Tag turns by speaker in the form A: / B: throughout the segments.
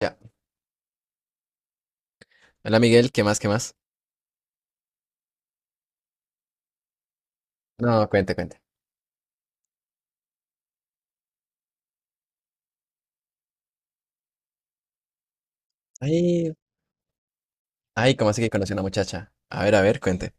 A: Ya. Hola Miguel, ¿qué más? ¿Qué más? No, cuente, cuente. Ay, ay, ¿cómo así que conocí a una muchacha? A ver, cuente.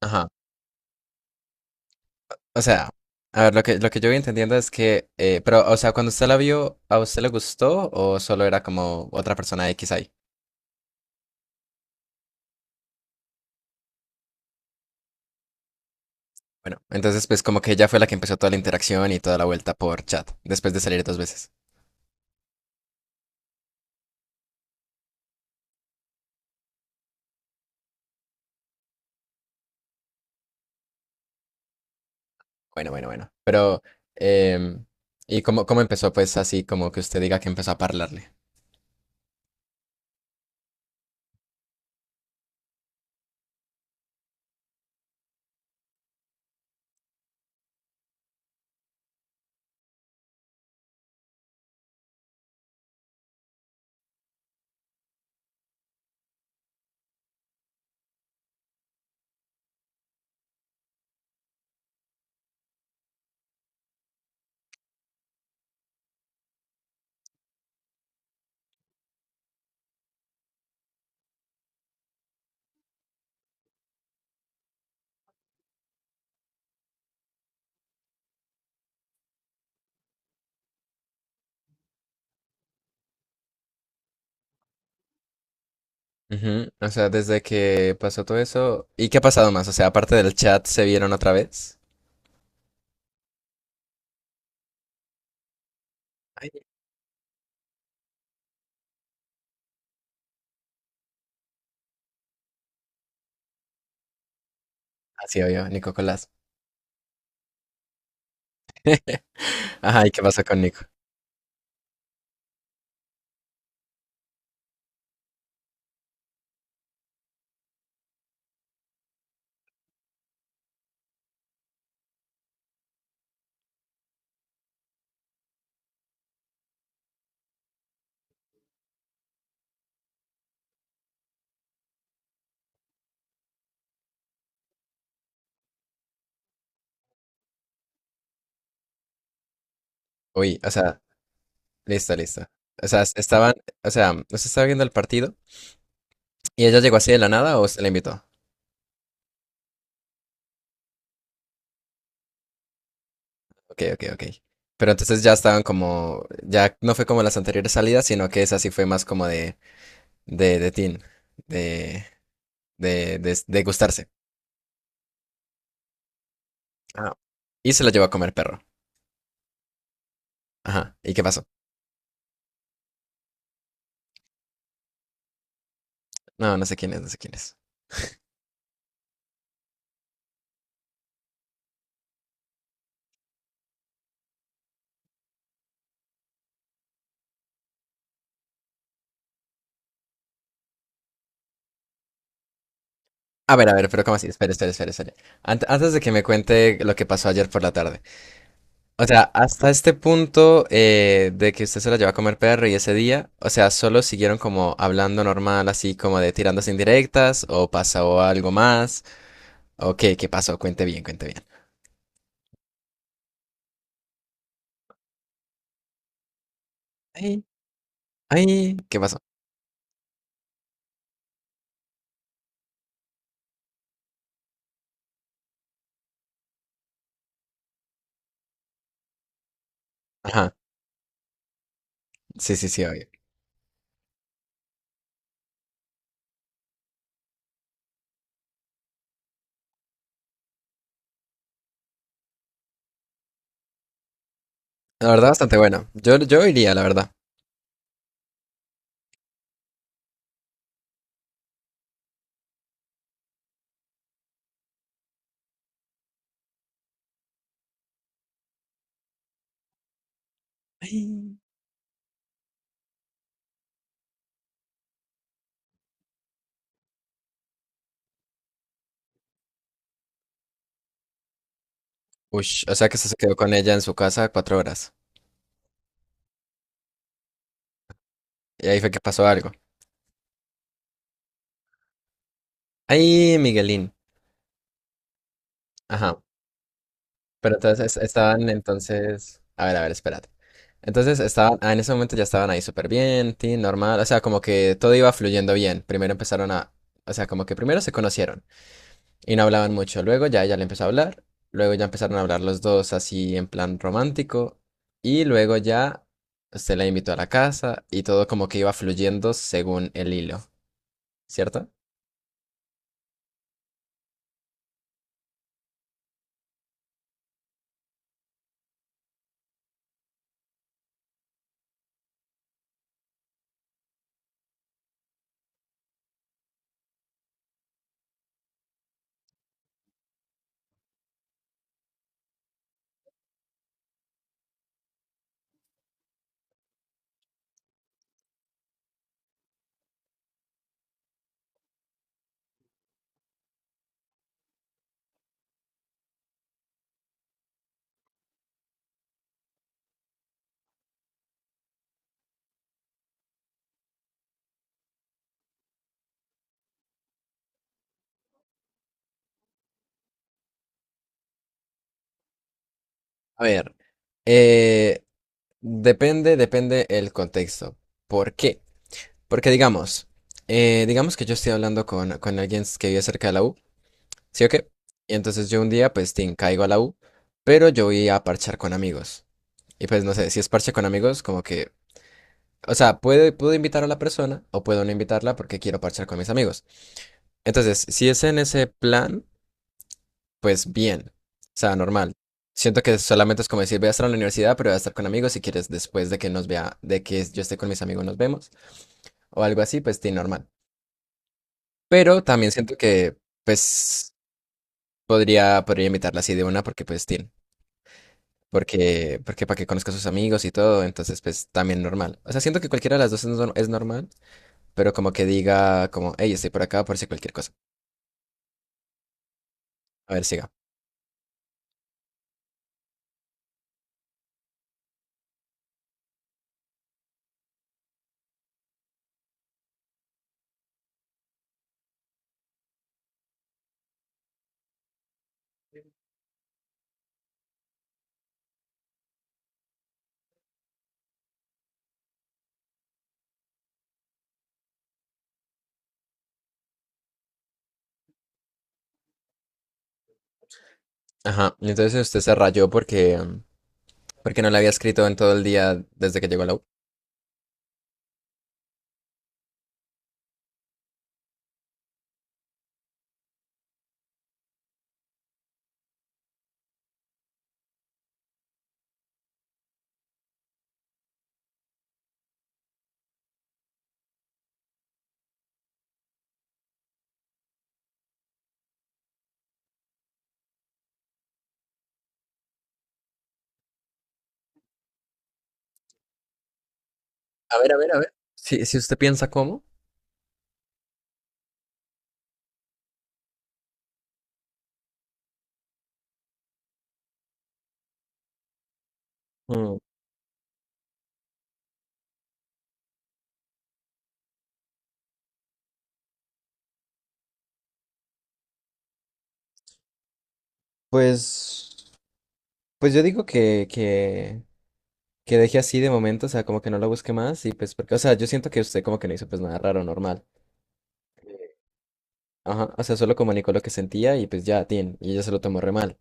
A: Ajá. O sea, a ver, lo que yo voy entendiendo es que, pero, o sea, cuando usted la vio, ¿a usted le gustó o solo era como otra persona X ahí? Bueno, entonces pues como que ella fue la que empezó toda la interacción y toda la vuelta por chat, después de salir dos veces. Bueno, bueno, bueno. Pero, em, ¿y cómo, cómo empezó pues así como que usted diga que empezó a parlarle? Ujú, o sea, desde que pasó todo eso. ¿Y qué ha pasado más? O sea, aparte del chat, ¿se vieron otra vez? Ay, ah, sí, obvio, Nico Colás. Ajá, ¿y qué pasó con Nico? Uy, o sea, listo, listo. O sea, estaban, o sea, ¿usted estaba viendo el partido? ¿Y ella llegó así de la nada o se la invitó? Ok, ok, ok. Pero entonces ya estaban como, ya no fue como las anteriores salidas, sino que esa sí fue más como de, de teen, de, de gustarse. Ah. Y se la llevó a comer perro. Ajá, ¿y qué pasó? No, no sé quién es, no sé quién es. A ver, pero ¿cómo así? Espera, espera, espera, espera. Antes de que me cuente lo que pasó ayer por la tarde. O sea, hasta este punto de que usted se la llevó a comer perro y ese día, o sea, solo siguieron como hablando normal, así como de tirándose indirectas, o pasó algo más, o qué, qué pasó, cuente bien, cuente bien. Ay, ay, ¿qué pasó? Ajá, sí, sí, sí, obvio. La verdad, bastante bueno. Yo iría, la verdad. Ay. Ush, o sea que usted se quedó con ella en su casa 4 horas. Y ahí fue que pasó algo. Ay, Miguelín. Ajá. Pero entonces estaban entonces, a ver, espérate. Entonces estaban, ah, en ese momento ya estaban ahí súper bien, tin, normal, o sea, como que todo iba fluyendo bien. Primero empezaron a, o sea, como que primero se conocieron y no hablaban mucho, luego ya ella le empezó a hablar, luego ya empezaron a hablar los dos así en plan romántico y luego ya se la invitó a la casa y todo como que iba fluyendo según el hilo, ¿cierto? A ver, eh, depende el contexto. ¿Por qué? Porque digamos, digamos que yo estoy hablando con alguien que vive cerca de la U, ¿sí o qué? Y entonces yo un día, pues, tin, caigo a la U, pero yo voy a parchar con amigos. Y pues, no sé, si es parche con amigos, como que, o sea, puedo invitar a la persona o puedo no invitarla porque quiero parchar con mis amigos. Entonces, si es en ese plan, pues bien, o sea, normal. Siento que solamente es como decir, voy a estar en la universidad, pero voy a estar con amigos si quieres después de que nos vea, de que yo esté con mis amigos, nos vemos, o algo así, pues, tin, normal. Pero también siento que, pues, podría invitarla así de una porque, pues, tiene. Porque, porque para que conozca a sus amigos y todo, entonces, pues, también normal. O sea, siento que cualquiera de las dos es, es normal, pero como que diga, como, hey, estoy por acá por si cualquier cosa. A ver, siga. Ajá. Y entonces usted se rayó porque, porque no le había escrito en todo el día desde que llegó a la U. A ver, a ver, a ver. Si, si usted piensa cómo. mm, Pues, pues yo digo que, que deje así de momento, o sea, como que no la busque más y pues porque, o sea, yo siento que usted como que no hizo pues nada raro, normal. Ajá, o sea, solo comunicó lo que sentía y pues ya, tin, y ella se lo tomó re mal.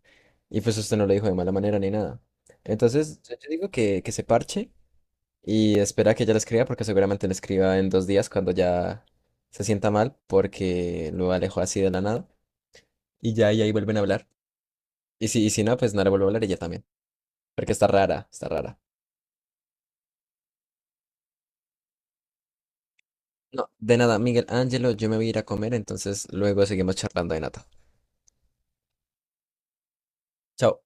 A: Y pues usted no lo dijo de mala manera ni nada. Entonces, yo digo que se parche y espera que ella le escriba porque seguramente le escriba en 2 días cuando ya se sienta mal porque lo alejó así de la nada y ya y ahí vuelven a hablar. Y si no, pues no le vuelvo a hablar ella también, porque está rara, está rara. No, de nada, Miguel Ángelo, yo me voy a ir a comer, entonces luego seguimos charlando de nata. Chao.